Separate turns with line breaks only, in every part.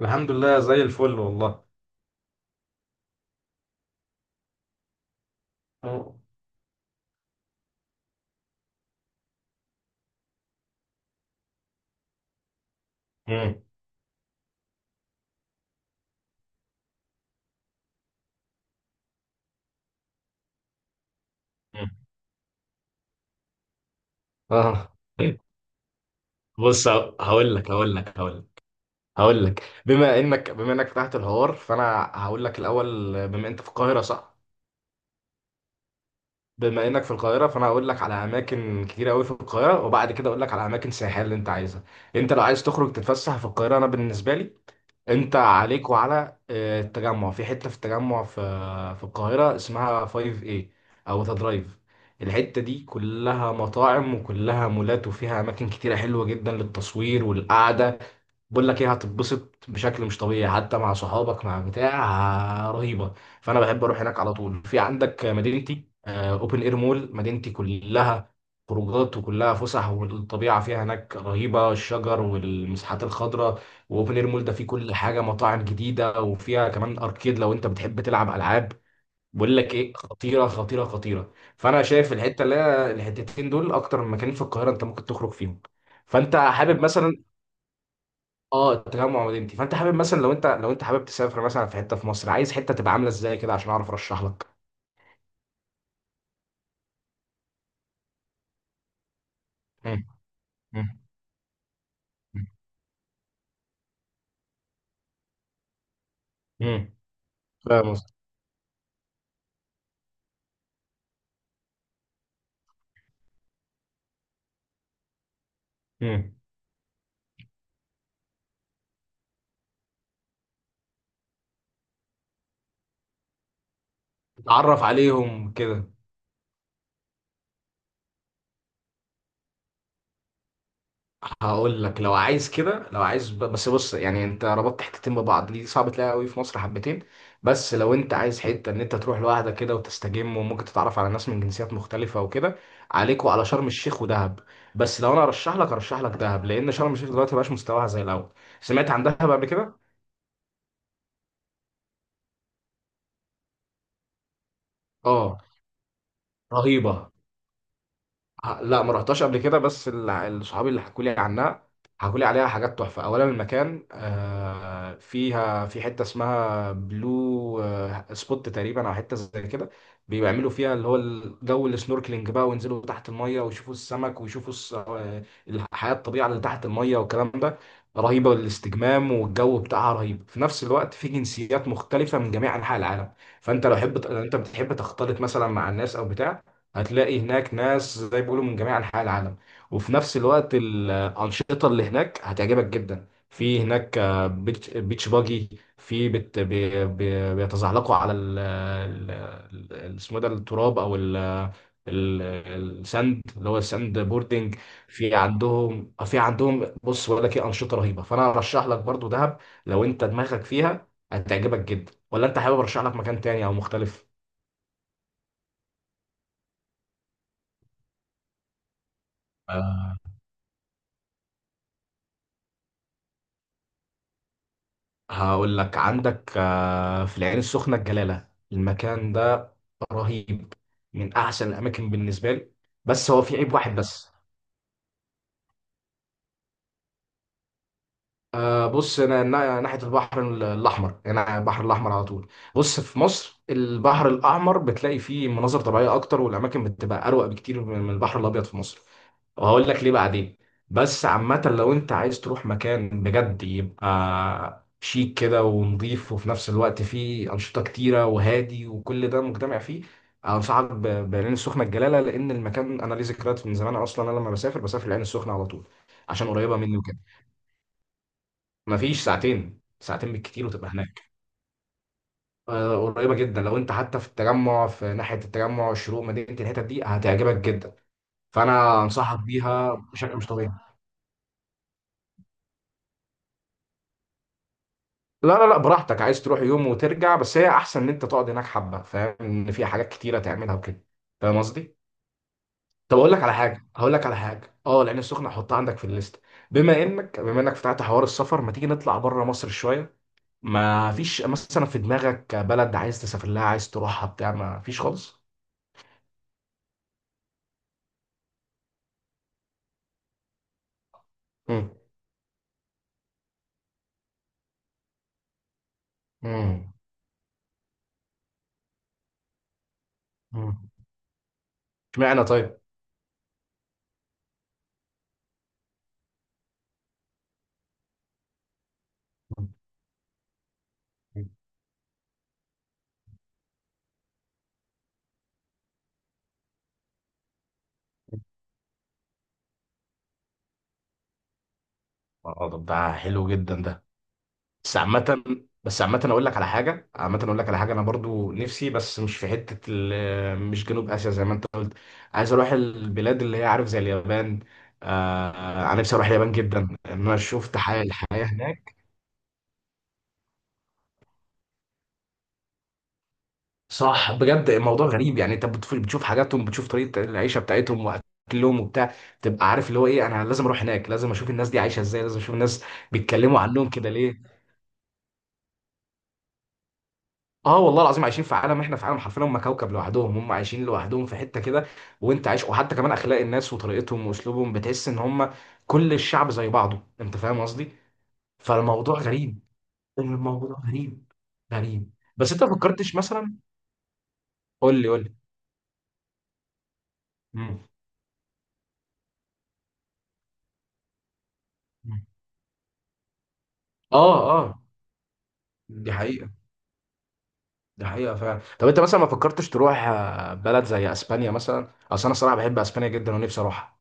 الحمد لله زي الفل والله. اه. مم. مم. آه. بص، هقول لك. بما انك فتحت الحوار فانا هقول لك الاول. بما انت في القاهره، صح؟ بما انك في القاهره فانا هقول لك على اماكن كتير قوي في القاهره، وبعد كده اقول لك على اماكن سياحيه اللي انت عايزها. انت لو عايز تخرج تتفسح في القاهره، انا بالنسبه لي انت عليك وعلى التجمع. في حته في التجمع في القاهره اسمها 5 اي او ذا درايف. الحته دي كلها مطاعم وكلها مولات، وفيها اماكن كتيره حلوه جدا للتصوير والقعده. بقول لك ايه، هتتبسط بشكل مش طبيعي حتى مع صحابك مع بتاع. رهيبه. فانا بحب اروح هناك على طول. في عندك مدينتي، اوبن اير مول. مدينتي كلها خروجات وكلها فسح، والطبيعه فيها هناك رهيبه، الشجر والمساحات الخضراء. واوبن اير مول ده فيه كل حاجه، مطاعم جديده، وفيها كمان اركيد لو انت بتحب تلعب العاب. بقول لك ايه، خطيره خطيره خطيره. فانا شايف الحته اللي هي الحتتين دول اكتر من مكانين في القاهره انت ممكن تخرج فيهم. فانت حابب مثلا. اه، التجمع مدينتي. فانت حابب مثلا لو انت حابب تسافر مثلا في حته في مصر، عايز حته تبقى عامله ازاي كده عشان اعرف ارشح لك؟ مم. مم. مم. فاهم قصدي؟ مم. اتعرف عليهم كده. هقول لك. لو عايز كده، لو عايز بس بص، يعني انت ربطت حتتين ببعض. دي صعب تلاقيها قوي في مصر حبتين. بس لو انت عايز حته ان انت تروح لوحدك كده وتستجم وممكن تتعرف على ناس من جنسيات مختلفه وكده، عليك وعلى شرم الشيخ ودهب. بس لو انا ارشح لك دهب، لان شرم الشيخ دلوقتي مبقاش مستواها زي الاول. سمعت عن دهب قبل كده؟ اه، رهيبه. لا، ما رحتهاش قبل كده، بس الصحابي اللي حكوا لي عنها حكوا لي عليها حاجات تحفه. اولا المكان، فيها في حته اسمها بلو سبوت تقريبا، او حته زي كده. بيعملوا فيها اللي هو الجو السنوركلينج بقى، وينزلوا تحت الميه ويشوفوا السمك ويشوفوا الحياه الطبيعه اللي تحت الميه والكلام ده. رهيبه الاستجمام والجو بتاعها رهيب. في نفس الوقت في جنسيات مختلفه من جميع انحاء العالم. فانت لو انت بتحب تختلط مثلا مع الناس او بتاع، هتلاقي هناك ناس زي ما بيقولوا من جميع انحاء العالم. وفي نفس الوقت الانشطه اللي هناك هتعجبك جدا. في هناك بيتش بيتش باجي، في بت بي بي بيتزحلقوا على ال اسمه ده التراب او ال ال- الساند، اللي هو الساند بوردنج. في عندهم بص، بقول لك ايه، انشطه رهيبه. فانا ارشح لك برضو دهب. لو انت دماغك فيها هتعجبك جدا، ولا انت حابب ارشح لك مكان تاني او مختلف؟ هقول لك عندك في العين السخنة الجلالة. المكان ده رهيب، من أحسن الأماكن بالنسبة لي. بس هو في عيب واحد بس. بص، ناحيه البحر الاحمر، يعني البحر الاحمر على طول. بص، في مصر البحر الاحمر بتلاقي فيه مناظر طبيعيه اكتر، والاماكن بتبقى اروق بكتير من البحر الابيض في مصر. وهقول لك ليه بعدين. بس عامه، لو انت عايز تروح مكان بجد يبقى شيك كده ونضيف وفي نفس الوقت فيه انشطه كتيره وهادي وكل ده مجتمع فيه، انصحك بالعين السخنه الجلاله. لان المكان انا ليه ذكريات من زمان، اصلا انا لما بسافر العين السخنه على طول. عشان قريبه مني. مفيش ساعتين، ساعتين بالكتير، وتبقى هناك. قريبة جدا. لو انت حتى في التجمع، في ناحية التجمع الشروق مدينة، الحتت دي هتعجبك جدا. فانا انصحك بيها بشكل مش طبيعي. لا لا لا، براحتك. عايز تروح يوم وترجع، بس هي احسن ان انت تقعد هناك حبة، فاهم؟ ان في حاجات كتيرة تعملها وكده. فاهم قصدي؟ طب اقول لك على حاجة هقول لك على حاجة. اه، العين السخنة حطها عندك في الليست. بما انك فتحت حوار السفر، ما تيجي نطلع بره مصر شوية؟ ما فيش مثلا في دماغك بلد عايز تسافر لها، عايز تروحها بتاع؟ ما فيش خالص؟ مم. امم. امم. اشمعنى طيب؟ مم. اه، طب ده حلو جدا ده. بس عامة بس عامة اقول لك على حاجة عامة اقول لك على حاجة، انا برضو نفسي، بس مش في حتة مش جنوب اسيا زي ما انت قلت. عايز اروح البلاد اللي هي عارف، زي اليابان. انا نفسي اروح اليابان جدا. ان انا شفت الحياة هناك. صح، بجد الموضوع غريب. يعني انت بتشوف حاجاتهم، بتشوف طريقة العيشة بتاعتهم واكلهم وبتاع. تبقى عارف اللي هو ايه. انا لازم اروح هناك، لازم اشوف الناس دي عايشة ازاي، لازم اشوف الناس بيتكلموا عنهم كده ليه. اه، والله العظيم عايشين في عالم، احنا في عالم، حرفيا هم كوكب لوحدهم. هم عايشين لوحدهم في حته كده. وانت عايش، وحتى كمان اخلاق الناس وطريقتهم واسلوبهم، بتحس ان هم كل الشعب زي بعضه، انت فاهم قصدي؟ فالموضوع غريب. الموضوع غريب غريب. بس انت ما فكرتش مثلا. قول لي قول لي. مم. مم. اه اه. دي حقيقه، دي حقيقه فعلا. طب انت مثلا ما فكرتش تروح بلد زي اسبانيا مثلا؟ اصل انا صراحه بحب اسبانيا جدا ونفسي اروحها.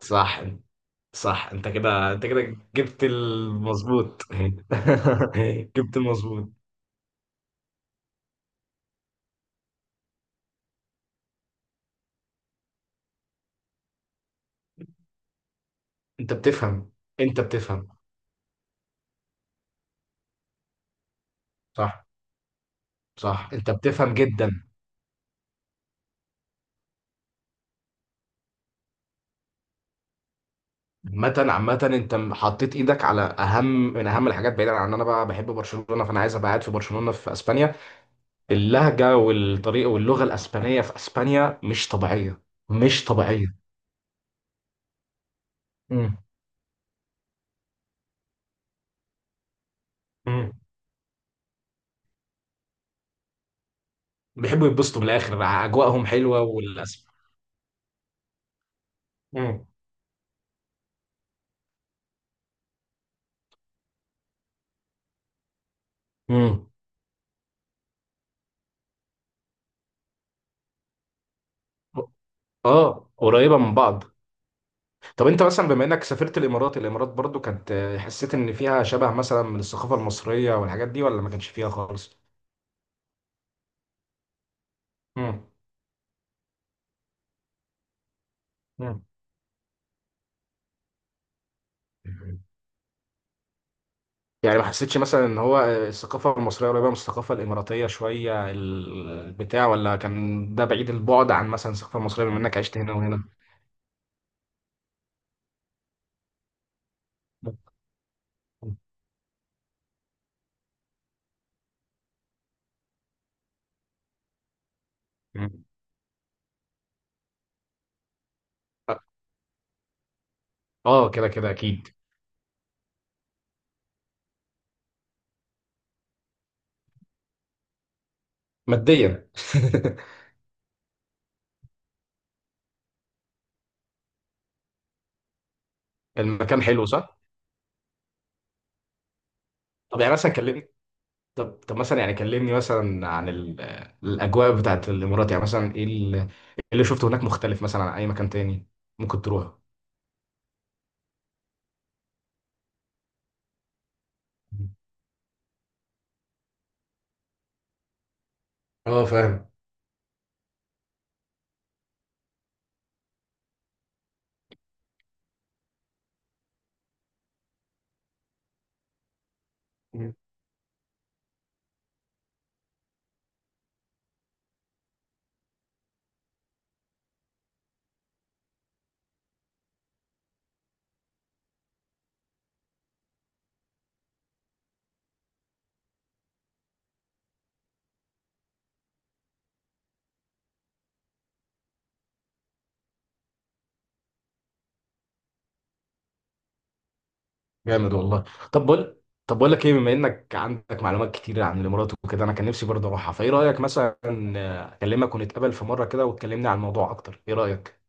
صح. صح انت كده، انت كده جبت المظبوط. جبت المظبوط. انت بتفهم، انت بتفهم. صح صح. انت بتفهم جدا. عامة عامة، انت حطيت ايدك على اهم من اهم الحاجات، بعيدا عن ان انا بقى بحب برشلونة فانا عايز ابقى قاعد في برشلونة في اسبانيا. اللهجة والطريقة واللغة الاسبانية في اسبانيا مش طبيعية. مش طبيعية. امم. امم. بيحبوا يتبسطوا من الاخر، اجواءهم حلوه والاسم. امم. امم. اه، قريبه من بعض. طب انت مثلا، بما انك سافرت الامارات، الامارات برضو كانت، حسيت ان فيها شبه مثلا من الثقافه المصريه والحاجات دي، ولا ما كانش فيها خالص؟ مم. مم. يعني ما حسيتش مثلا ان هو الثقافه المصريه قريبه من الثقافه الاماراتيه شويه البتاع، ولا كان ده بعيد البعد عن مثلا الثقافه المصريه بما انك عشت هنا وهنا؟ مم. اه، كده كده اكيد. ماديا. المكان حلو، صح. طب يعني مثلا كلمني. طب مثلا يعني كلمني مثلا عن الاجواء بتاعت الامارات. يعني مثلا ايه إيه اللي شفته هناك مختلف مثلا عن اي مكان تاني ممكن تروح؟ اه فاهم. مم. جامد والله. طب بقول طب بقول لك ايه، بما انك عندك معلومات كتير عن الامارات وكده، انا كان نفسي برضه اروحها. فايه رايك مثلا، اكلمك ونتقابل في مره كده وتكلمني عن الموضوع اكتر، ايه رايك؟